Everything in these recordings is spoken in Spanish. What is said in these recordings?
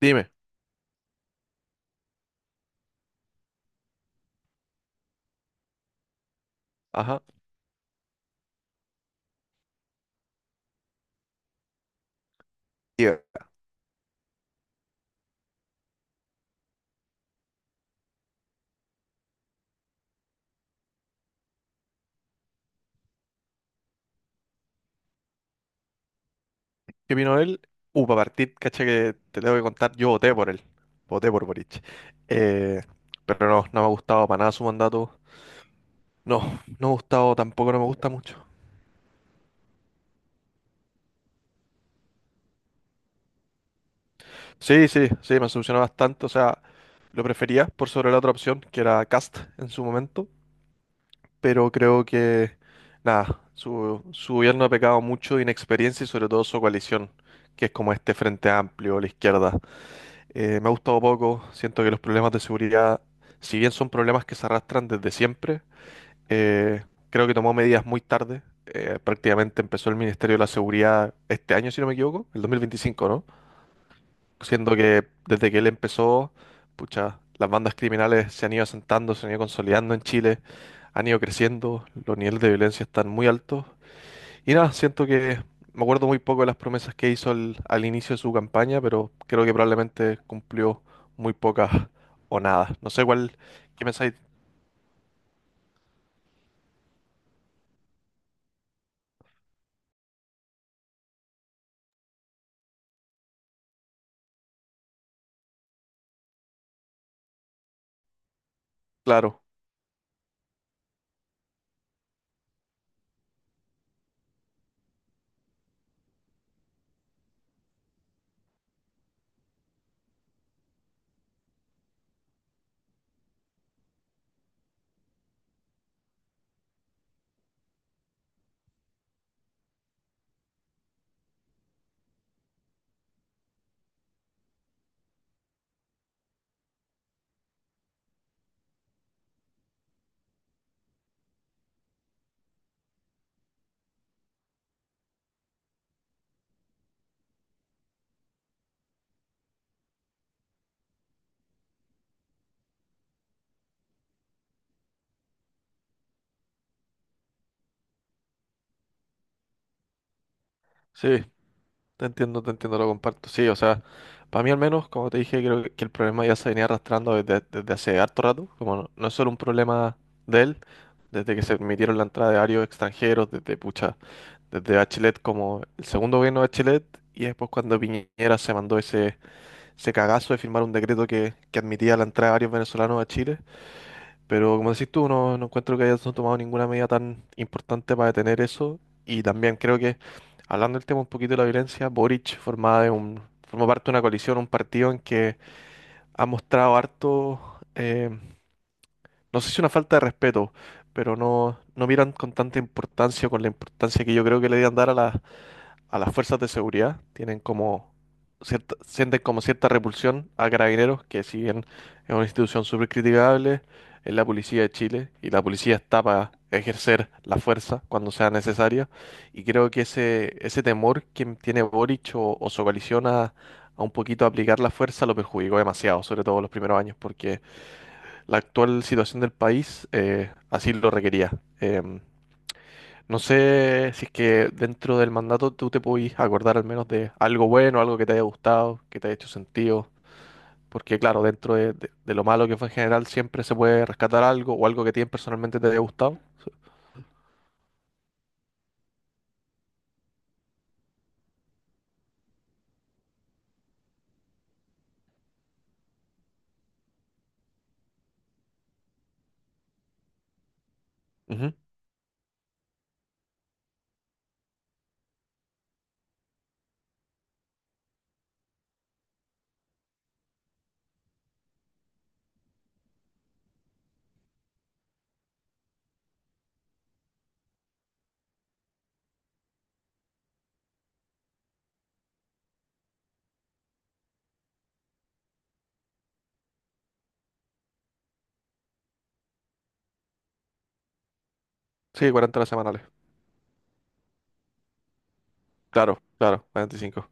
Dime, ajá, Tío, ¿qué vino él? Para partir, caché que te tengo que contar, yo voté por él, voté por Boric. Eh, pero no, no me ha gustado para nada su mandato. No, no me ha gustado, tampoco no me gusta mucho. Sí, sí, sí, me solucionó bastante, o sea, lo prefería por sobre la otra opción, que era Cast en su momento, pero creo que, nada, su gobierno ha pecado mucho de inexperiencia y sobre todo su coalición, que es como este Frente Amplio, la izquierda. Me ha gustado poco, siento que los problemas de seguridad, si bien son problemas que se arrastran desde siempre, eh, creo que tomó medidas muy tarde. Prácticamente empezó el Ministerio de la Seguridad este año, si no me equivoco, el 2025, ¿no? Siendo que desde que él empezó, pucha, las bandas criminales se han ido asentando, se han ido consolidando en Chile, han ido creciendo, los niveles de violencia están muy altos y nada, siento que me acuerdo muy poco de las promesas que hizo al inicio de su campaña, pero creo que probablemente cumplió muy pocas o nada. No sé cuál, qué pensáis. Claro, sí, te entiendo, lo comparto. Sí, o sea, para mí al menos, como te dije, creo que el problema ya se venía arrastrando desde hace harto rato. Como no, no es solo un problema de él, desde que se permitieron la entrada de varios extranjeros, desde pucha, desde Bachelet como el segundo gobierno de Bachelet, y después cuando Piñera se mandó ese cagazo de firmar un decreto que admitía la entrada de varios venezolanos a Chile, pero como decís tú, no, no encuentro que hayan tomado ninguna medida tan importante para detener eso. Y también creo que, hablando del tema un poquito de la violencia, Boric forma parte de una coalición, un partido en que ha mostrado harto, no sé si una falta de respeto, pero no, no miran con tanta importancia, con la importancia que yo creo que le debían dar a las fuerzas de seguridad, tienen como sienten como cierta repulsión a Carabineros, que si bien es una institución súper criticable, es la policía de Chile y la policía está para ejercer la fuerza cuando sea necesaria. Y creo que ese temor que tiene Boric o su coalición a un poquito aplicar la fuerza lo perjudicó demasiado, sobre todo los primeros años, porque la actual situación del país así lo requería. Em, no sé si es que dentro del mandato tú te podís acordar al menos de algo bueno, algo que te haya gustado, que te haya hecho sentido, porque claro, dentro de lo malo que fue en general siempre se puede rescatar algo o algo que a ti personalmente te haya gustado. Ujú. Sí, 40 horas semanales. Claro, claro, 45.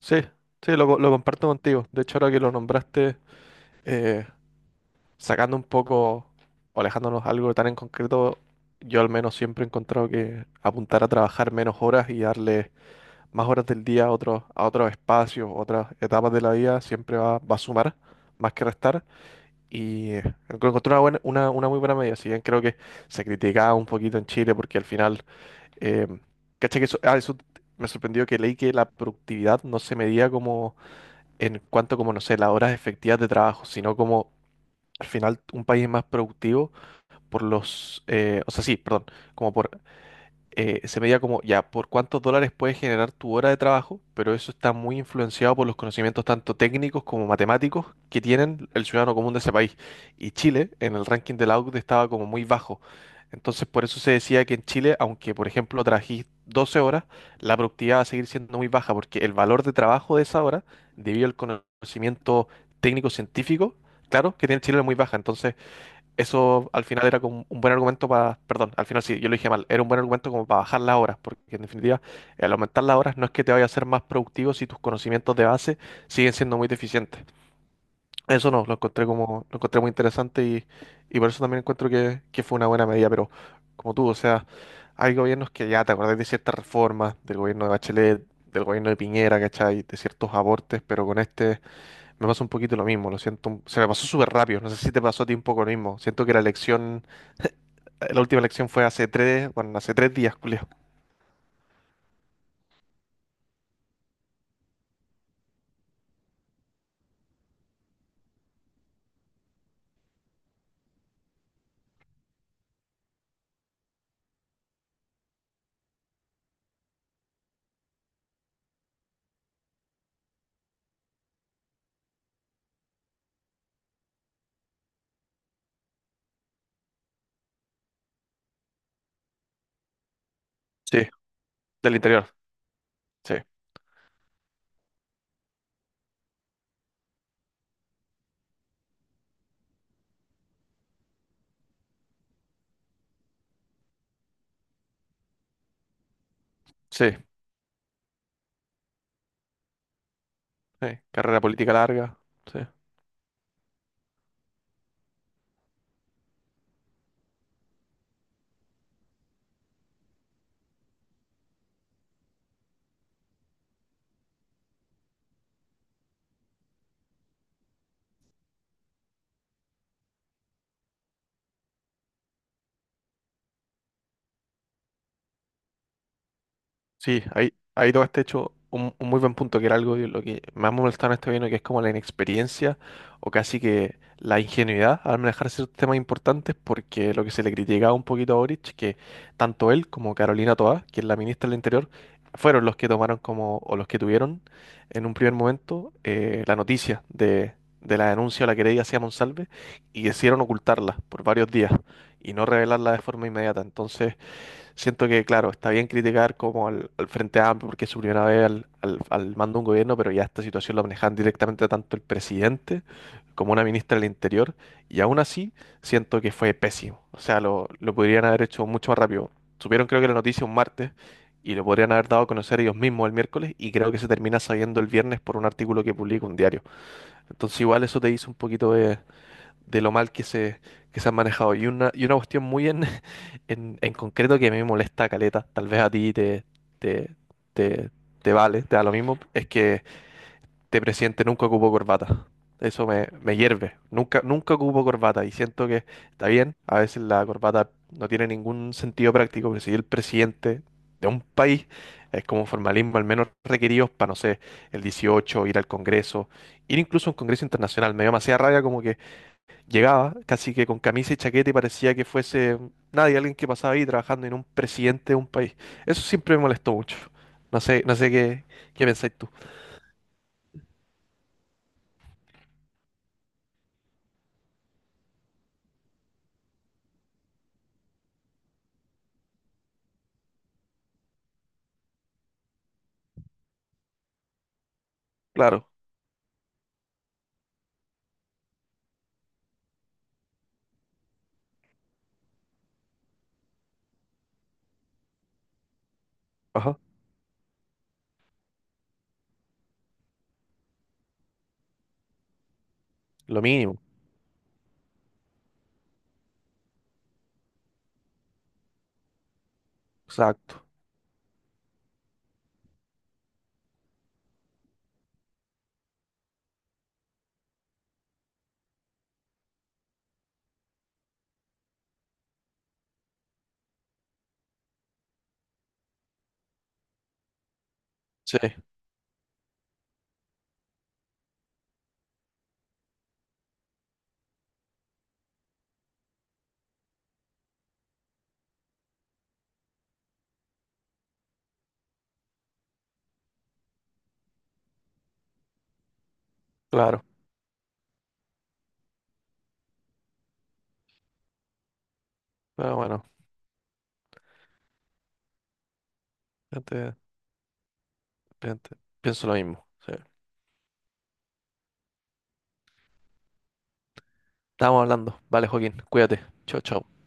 Sí, sí, lo comparto contigo. De hecho, ahora que lo nombraste, eh, sacando un poco, o alejándonos algo tan en concreto, yo al menos siempre he encontrado que apuntar a trabajar menos horas y darle más horas del día a otros espacios, otras etapas de la vida, siempre va, va a sumar más que restar. Y encontré una buena, una muy buena medida. Si bien creo que se criticaba un poquito en Chile porque al final, eh, caché que eso me sorprendió que leí que la productividad no se medía como en cuanto como, no sé, las horas efectivas de trabajo, sino como al final un país es más productivo por los, o sea, sí, perdón, como por se medía como, ya, por cuántos dólares puedes generar tu hora de trabajo, pero eso está muy influenciado por los conocimientos tanto técnicos como matemáticos que tienen el ciudadano común de ese país. Y Chile, en el ranking de la OCDE, estaba como muy bajo. Entonces, por eso se decía que en Chile, aunque, por ejemplo, trabajís 12 horas, la productividad va a seguir siendo muy baja, porque el valor de trabajo de esa hora, debido al conocimiento técnico-científico, claro, que tiene Chile es muy baja. Entonces, eso al final era como un buen argumento para, perdón, al final sí, yo lo dije mal, era un buen argumento como para bajar las horas, porque en definitiva, al aumentar las horas no es que te vaya a ser más productivo si tus conocimientos de base siguen siendo muy deficientes. Eso no, lo encontré como, lo encontré muy interesante y por eso también encuentro que fue una buena medida, pero como tú, o sea, hay gobiernos que ya te acordás de ciertas reformas, del gobierno de Bachelet, del gobierno de Piñera, ¿cachai? De ciertos abortes, pero con este me pasa un poquito lo mismo, lo siento, se me pasó súper rápido, no sé si te pasó a ti un poco lo mismo, siento que la elección la última elección fue hace tres, bueno, hace 3 días, Julio. Sí, del interior. Sí, sí, sí. Carrera política larga. Sí. Sí, ahí, ahí todo este hecho un, muy buen punto, que era algo de lo que más me molestaba en este gobierno, que es como la inexperiencia o casi que la ingenuidad al manejar ciertos temas importantes, porque lo que se le criticaba un poquito a Boric, que tanto él como Carolina Toá, que es la ministra del Interior, fueron los que tomaron como, o los que tuvieron en un primer momento la noticia de la denuncia o la querella hacia Monsalve y decidieron ocultarla por varios días y no revelarla de forma inmediata. Entonces, siento que, claro, está bien criticar como al Frente Amplio porque es su primera vez al mando de un gobierno, pero ya esta situación la manejan directamente tanto el presidente como una ministra del Interior, y aún así siento que fue pésimo. O sea, lo podrían haber hecho mucho más rápido. Supieron creo que la noticia un martes y lo podrían haber dado a conocer ellos mismos el miércoles y creo que se termina sabiendo el viernes por un artículo que publica un diario. Entonces igual eso te dice un poquito de lo mal que se han manejado. Y una cuestión muy en, en concreto que a mí me molesta, Caleta, tal vez a ti te, te, te vale, te da lo mismo, es que este presidente nunca ocupó corbata. Eso me hierve. Nunca, nunca ocupo corbata y siento que está bien. A veces la corbata no tiene ningún sentido práctico, pero si el presidente de un país es como formalismo, al menos requeridos para, no sé, el 18, ir al Congreso, ir incluso a un Congreso internacional. Me dio demasiada rabia como que llegaba casi que con camisa y chaqueta y parecía que fuese nadie, alguien que pasaba ahí trabajando en un presidente de un país. Eso siempre me molestó mucho. No sé qué pensáis tú. Claro, ajá, lo mínimo, exacto. Sí, claro. Pero bueno, gente- gente, pienso lo mismo. Sí. Estamos hablando. Vale, Joaquín, cuídate. Chao, chao.